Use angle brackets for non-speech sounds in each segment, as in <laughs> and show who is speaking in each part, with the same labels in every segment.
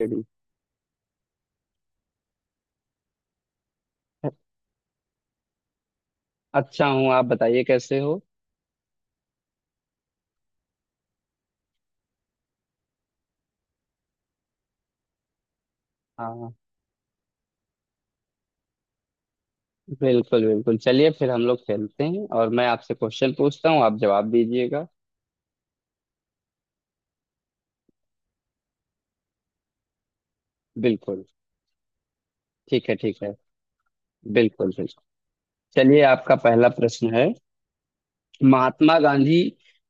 Speaker 1: Ready. अच्छा हूँ, आप बताइए कैसे हो। हाँ, बिल्कुल बिल्कुल, चलिए फिर हम लोग खेलते हैं और मैं आपसे क्वेश्चन पूछता हूँ, आप जवाब दीजिएगा। बिल्कुल। ठीक है, ठीक है। बिल्कुल बिल्कुल। चलिए, आपका पहला प्रश्न है महात्मा गांधी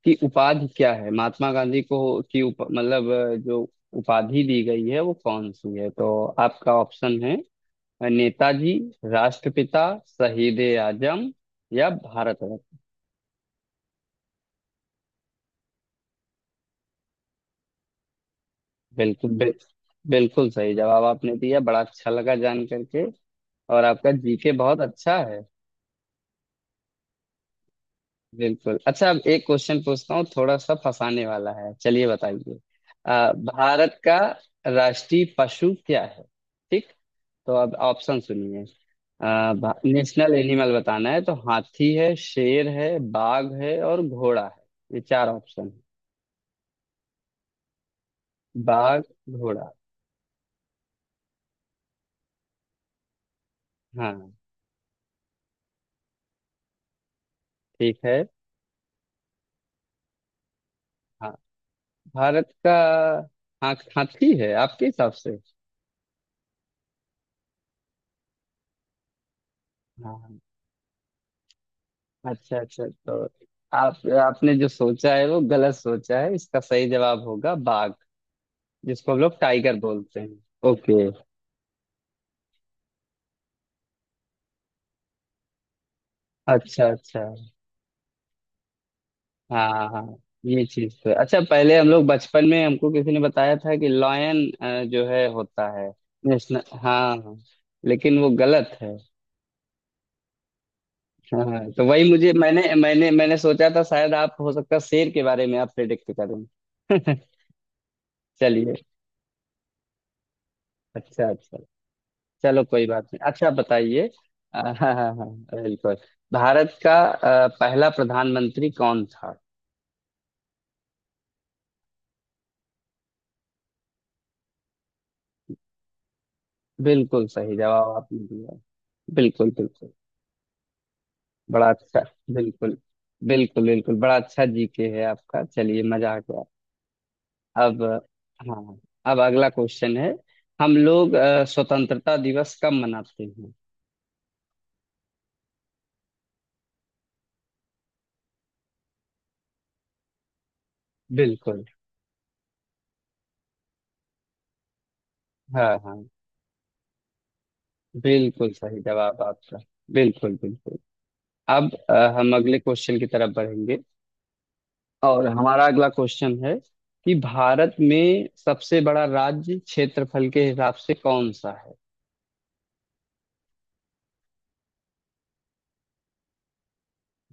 Speaker 1: की उपाधि क्या है, महात्मा गांधी को की उप, मतलब अ, जो उपाधि दी गई है वो कौन सी है। तो आपका ऑप्शन है नेताजी, राष्ट्रपिता, शहीद ए आजम या भारत। बिल्कुल बिल, बिल्कुल सही जवाब आपने दिया, बड़ा अच्छा लगा जान करके। और आपका जीके बहुत अच्छा है। बिल्कुल। अच्छा, अब एक क्वेश्चन पूछता हूँ, थोड़ा सा फंसाने वाला है, चलिए बताइए। भारत का राष्ट्रीय पशु क्या है। ठीक। तो अब ऑप्शन सुनिए। नेशनल एनिमल बताना है, तो हाथी है, शेर है, बाघ है और घोड़ा है। ये चार ऑप्शन है। बाघ, घोड़ा। हाँ। ठीक है। हाँ, भारत का। हाँ, हाथी है आपके हिसाब से। हाँ। अच्छा अच्छा, तो आप आपने जो सोचा है वो गलत सोचा है। इसका सही जवाब होगा बाघ, जिसको हम लोग टाइगर बोलते हैं। ओके। अच्छा अच्छा। हाँ हाँ हाँ, ये चीज तो है। अच्छा, पहले हम लोग बचपन में हमको किसी ने बताया था कि लॉयन जो है होता है नेशनल, हाँ हाँ, लेकिन वो गलत है। हाँ हाँ। तो वही मुझे मैंने मैंने मैंने सोचा था शायद आप, हो सकता है, शेर के बारे में आप प्रेडिक्ट करें। <laughs> चलिए। अच्छा अच्छा। चलो कोई बात नहीं, अच्छा बताइए। हाँ हाँ हाँ। बिल्कुल। भारत का पहला प्रधानमंत्री कौन था। बिल्कुल सही जवाब आपने दिया। बिल्कुल बिल्कुल। बड़ा अच्छा। बिल्कुल बिल्कुल बिल्कुल। बड़ा अच्छा जीके है आपका, चलिए मजा आ गया। अब, हाँ, अब अगला क्वेश्चन है। हम लोग स्वतंत्रता दिवस कब मनाते हैं। बिल्कुल। हाँ हाँ, बिल्कुल सही जवाब आपका। बिल्कुल बिल्कुल। अब हम अगले क्वेश्चन की तरफ बढ़ेंगे। और हमारा अगला क्वेश्चन है कि भारत में सबसे बड़ा राज्य क्षेत्रफल के हिसाब से कौन सा है।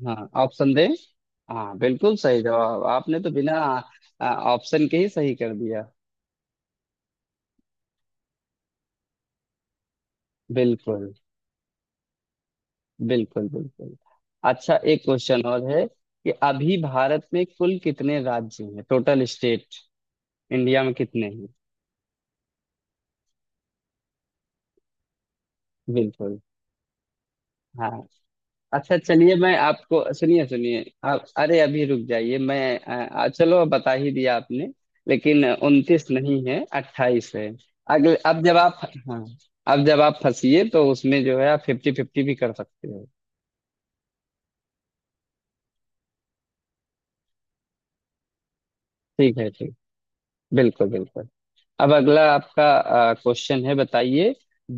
Speaker 1: हाँ, ऑप्शन दें। हाँ, बिल्कुल सही जवाब आपने तो बिना ऑप्शन के ही सही कर दिया। बिल्कुल बिल्कुल। बिल्कुल। अच्छा, एक क्वेश्चन और है कि अभी भारत में कुल कितने राज्य हैं, टोटल स्टेट इंडिया में कितने हैं। बिल्कुल। हाँ। अच्छा चलिए, मैं आपको सुनिए सुनिए आप, अरे अभी रुक जाइए मैं चलो अब बता ही दिया आपने। लेकिन 29 नहीं है, 28 है। अगले, अब जब आप, हाँ, अब जब आप फंसिए तो उसमें जो है आप फिफ्टी फिफ्टी भी कर सकते हो। ठीक है, ठीक। बिल्कुल बिल्कुल। अब अगला आपका क्वेश्चन है, बताइए,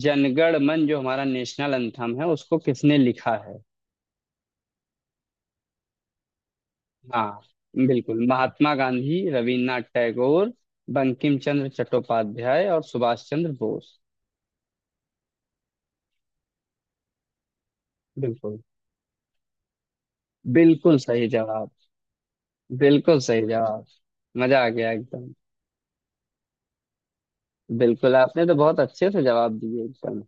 Speaker 1: जनगण मन जो हमारा नेशनल एंथम है उसको किसने लिखा है। हाँ, बिल्कुल। महात्मा गांधी, रविन्द्रनाथ टैगोर, बंकिम चंद्र चट्टोपाध्याय और सुभाष चंद्र बोस। बिल्कुल, बिल्कुल सही जवाब। बिल्कुल सही जवाब। मजा आ गया एकदम। बिल्कुल, आपने तो बहुत अच्छे से जवाब दिए एकदम।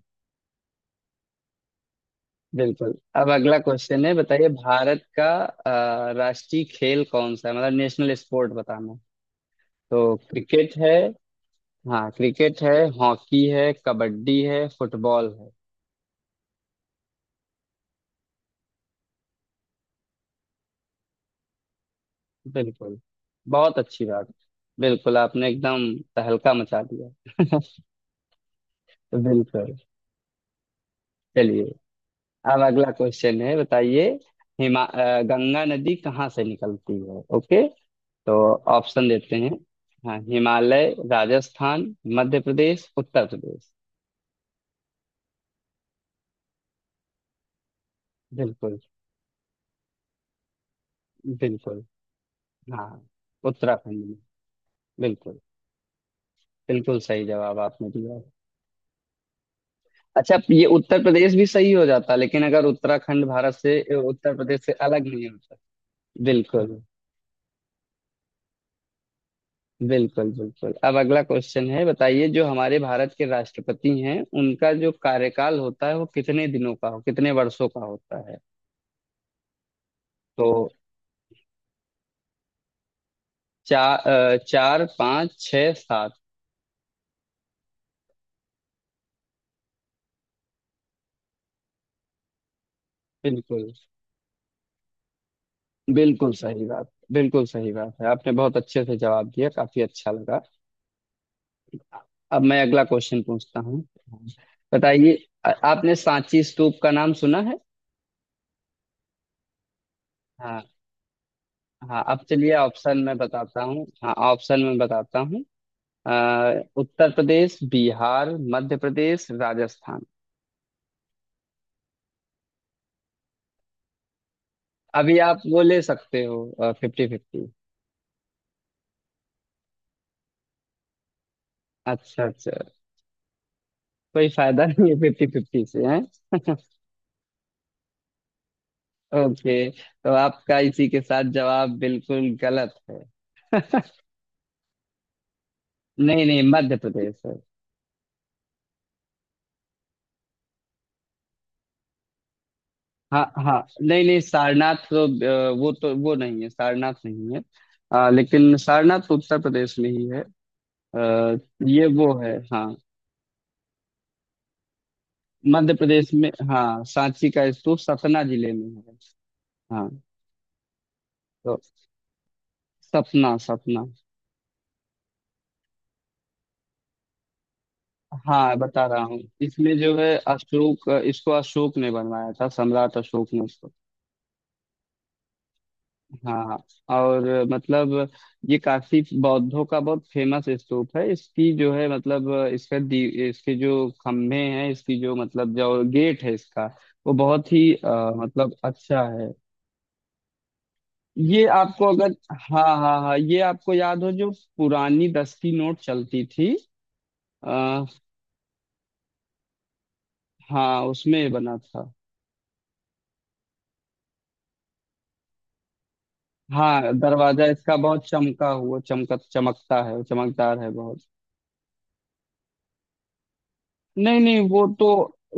Speaker 1: बिल्कुल। अब अगला क्वेश्चन है, बताइए, भारत का राष्ट्रीय खेल कौन सा है, मतलब नेशनल स्पोर्ट बताना। तो क्रिकेट है, हाँ क्रिकेट है, हॉकी है, कबड्डी है, फुटबॉल है। बिल्कुल। बहुत अच्छी बात। बिल्कुल, आपने एकदम तहलका मचा दिया। बिल्कुल। चलिए, अब अगला क्वेश्चन है, बताइए। गंगा नदी कहाँ से निकलती है, ओके। तो ऑप्शन देते हैं। हाँ, हिमालय, राजस्थान, मध्य प्रदेश, उत्तर प्रदेश। बिल्कुल बिल्कुल। हाँ, उत्तराखंड में। बिल्कुल, बिल्कुल सही जवाब आपने दिया है। अच्छा, ये उत्तर प्रदेश भी सही हो जाता लेकिन अगर उत्तराखंड भारत से, उत्तर प्रदेश से अलग नहीं होता। बिल्कुल बिल्कुल। बिल्कुल अब अगला क्वेश्चन है, बताइए, जो हमारे भारत के राष्ट्रपति हैं उनका जो कार्यकाल होता है वो कितने दिनों का हो, कितने वर्षों का होता है। तो चार चार पाँच, छः, सात। बिल्कुल, बिल्कुल सही बात, बिल्कुल सही बात है, आपने बहुत अच्छे से जवाब दिया, काफी अच्छा लगा। अब मैं अगला क्वेश्चन पूछता हूँ, बताइए। आपने सांची स्तूप का नाम सुना है। हाँ हाँ, अब चलिए ऑप्शन में बताता हूँ, हाँ ऑप्शन में बताता हूँ। अ, उत्तर प्रदेश, बिहार, मध्य प्रदेश, राजस्थान। अभी आप वो ले सकते हो, फिफ्टी फिफ्टी। अच्छा अच्छा। कोई फायदा नहीं है फिफ्टी फिफ्टी से है। ओके, तो आपका इसी के साथ जवाब बिल्कुल गलत है। नहीं नहीं, मध्य प्रदेश है। हाँ हाँ, नहीं नहीं, सारनाथ तो वो तो वो नहीं है, सारनाथ नहीं है। लेकिन सारनाथ तो उत्तर प्रदेश में ही है। अ, ये वो है हाँ। मध्य प्रदेश में, हाँ, सांची का स्तूप सतना जिले में है। हाँ। तो सपना सपना। हाँ बता रहा हूँ, इसमें जो है अशोक, इसको अशोक ने बनवाया था, सम्राट अशोक ने इसको। हाँ हाँ और मतलब ये काफी बौद्धों का बहुत फेमस स्तूप है। इसकी जो है, मतलब इसका दी, इसके जो खम्भे हैं, इसकी जो मतलब जो गेट है इसका, वो बहुत ही मतलब अच्छा है। ये आपको अगर, हाँ हाँ हाँ, ये आपको याद हो जो पुरानी 10 की नोट चलती थी। आ, हाँ उसमें बना था। हाँ, दरवाजा इसका बहुत चमका हुआ, चमका चमकता है, चमकदार है बहुत। नहीं नहीं,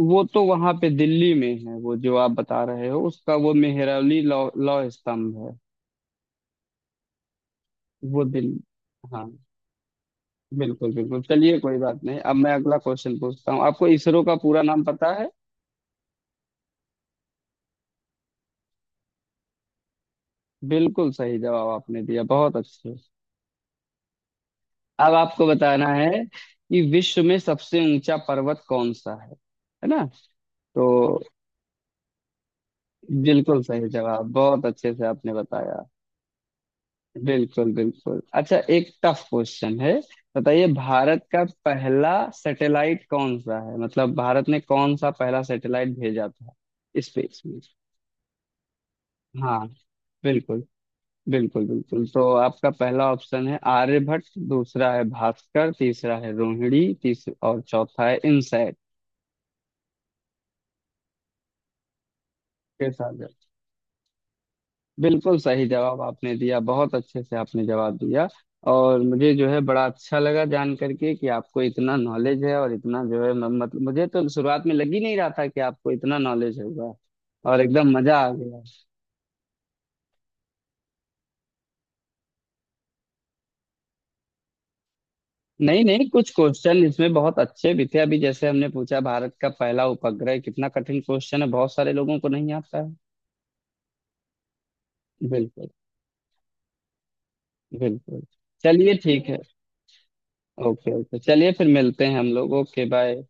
Speaker 1: वो तो वहां पे दिल्ली में है, वो जो आप बता रहे हो उसका वो मेहरौली लौ लौ स्तंभ है। वो दिल्ली। हाँ। बिल्कुल बिल्कुल, चलिए कोई बात नहीं, अब मैं अगला क्वेश्चन पूछता हूँ, आपको इसरो का पूरा नाम पता है। बिल्कुल सही जवाब आपने दिया, बहुत अच्छे। अब आपको बताना है कि विश्व में सबसे ऊंचा पर्वत कौन सा है ना। तो बिल्कुल सही जवाब, बहुत अच्छे से आपने बताया। बिल्कुल बिल्कुल। अच्छा, एक टफ क्वेश्चन है, बताइए, भारत का पहला सैटेलाइट कौन सा है, मतलब भारत ने कौन सा पहला सैटेलाइट भेजा था स्पेस में। हाँ, बिल्कुल, बिल्कुल बिल्कुल, तो आपका पहला ऑप्शन है आर्यभट्ट, दूसरा है भास्कर, तीसरा है रोहिणी तीसरा, और चौथा है इनसैट। बिल्कुल सही जवाब आपने दिया, बहुत अच्छे से आपने जवाब दिया। और मुझे जो है बड़ा अच्छा लगा जान करके कि आपको इतना नॉलेज है, और इतना जो है मतलब मुझे तो शुरुआत में लग ही नहीं रहा था कि आपको इतना नॉलेज होगा। और एकदम मजा आ गया। नहीं नहीं, कुछ क्वेश्चन इसमें बहुत अच्छे भी थे, अभी जैसे हमने पूछा भारत का पहला उपग्रह, कितना कठिन क्वेश्चन है, बहुत सारे लोगों को नहीं आता है। बिल्कुल बिल्कुल। चलिए ठीक है, ओके ओके, चलिए फिर मिलते हैं हम लोग, ओके बाय।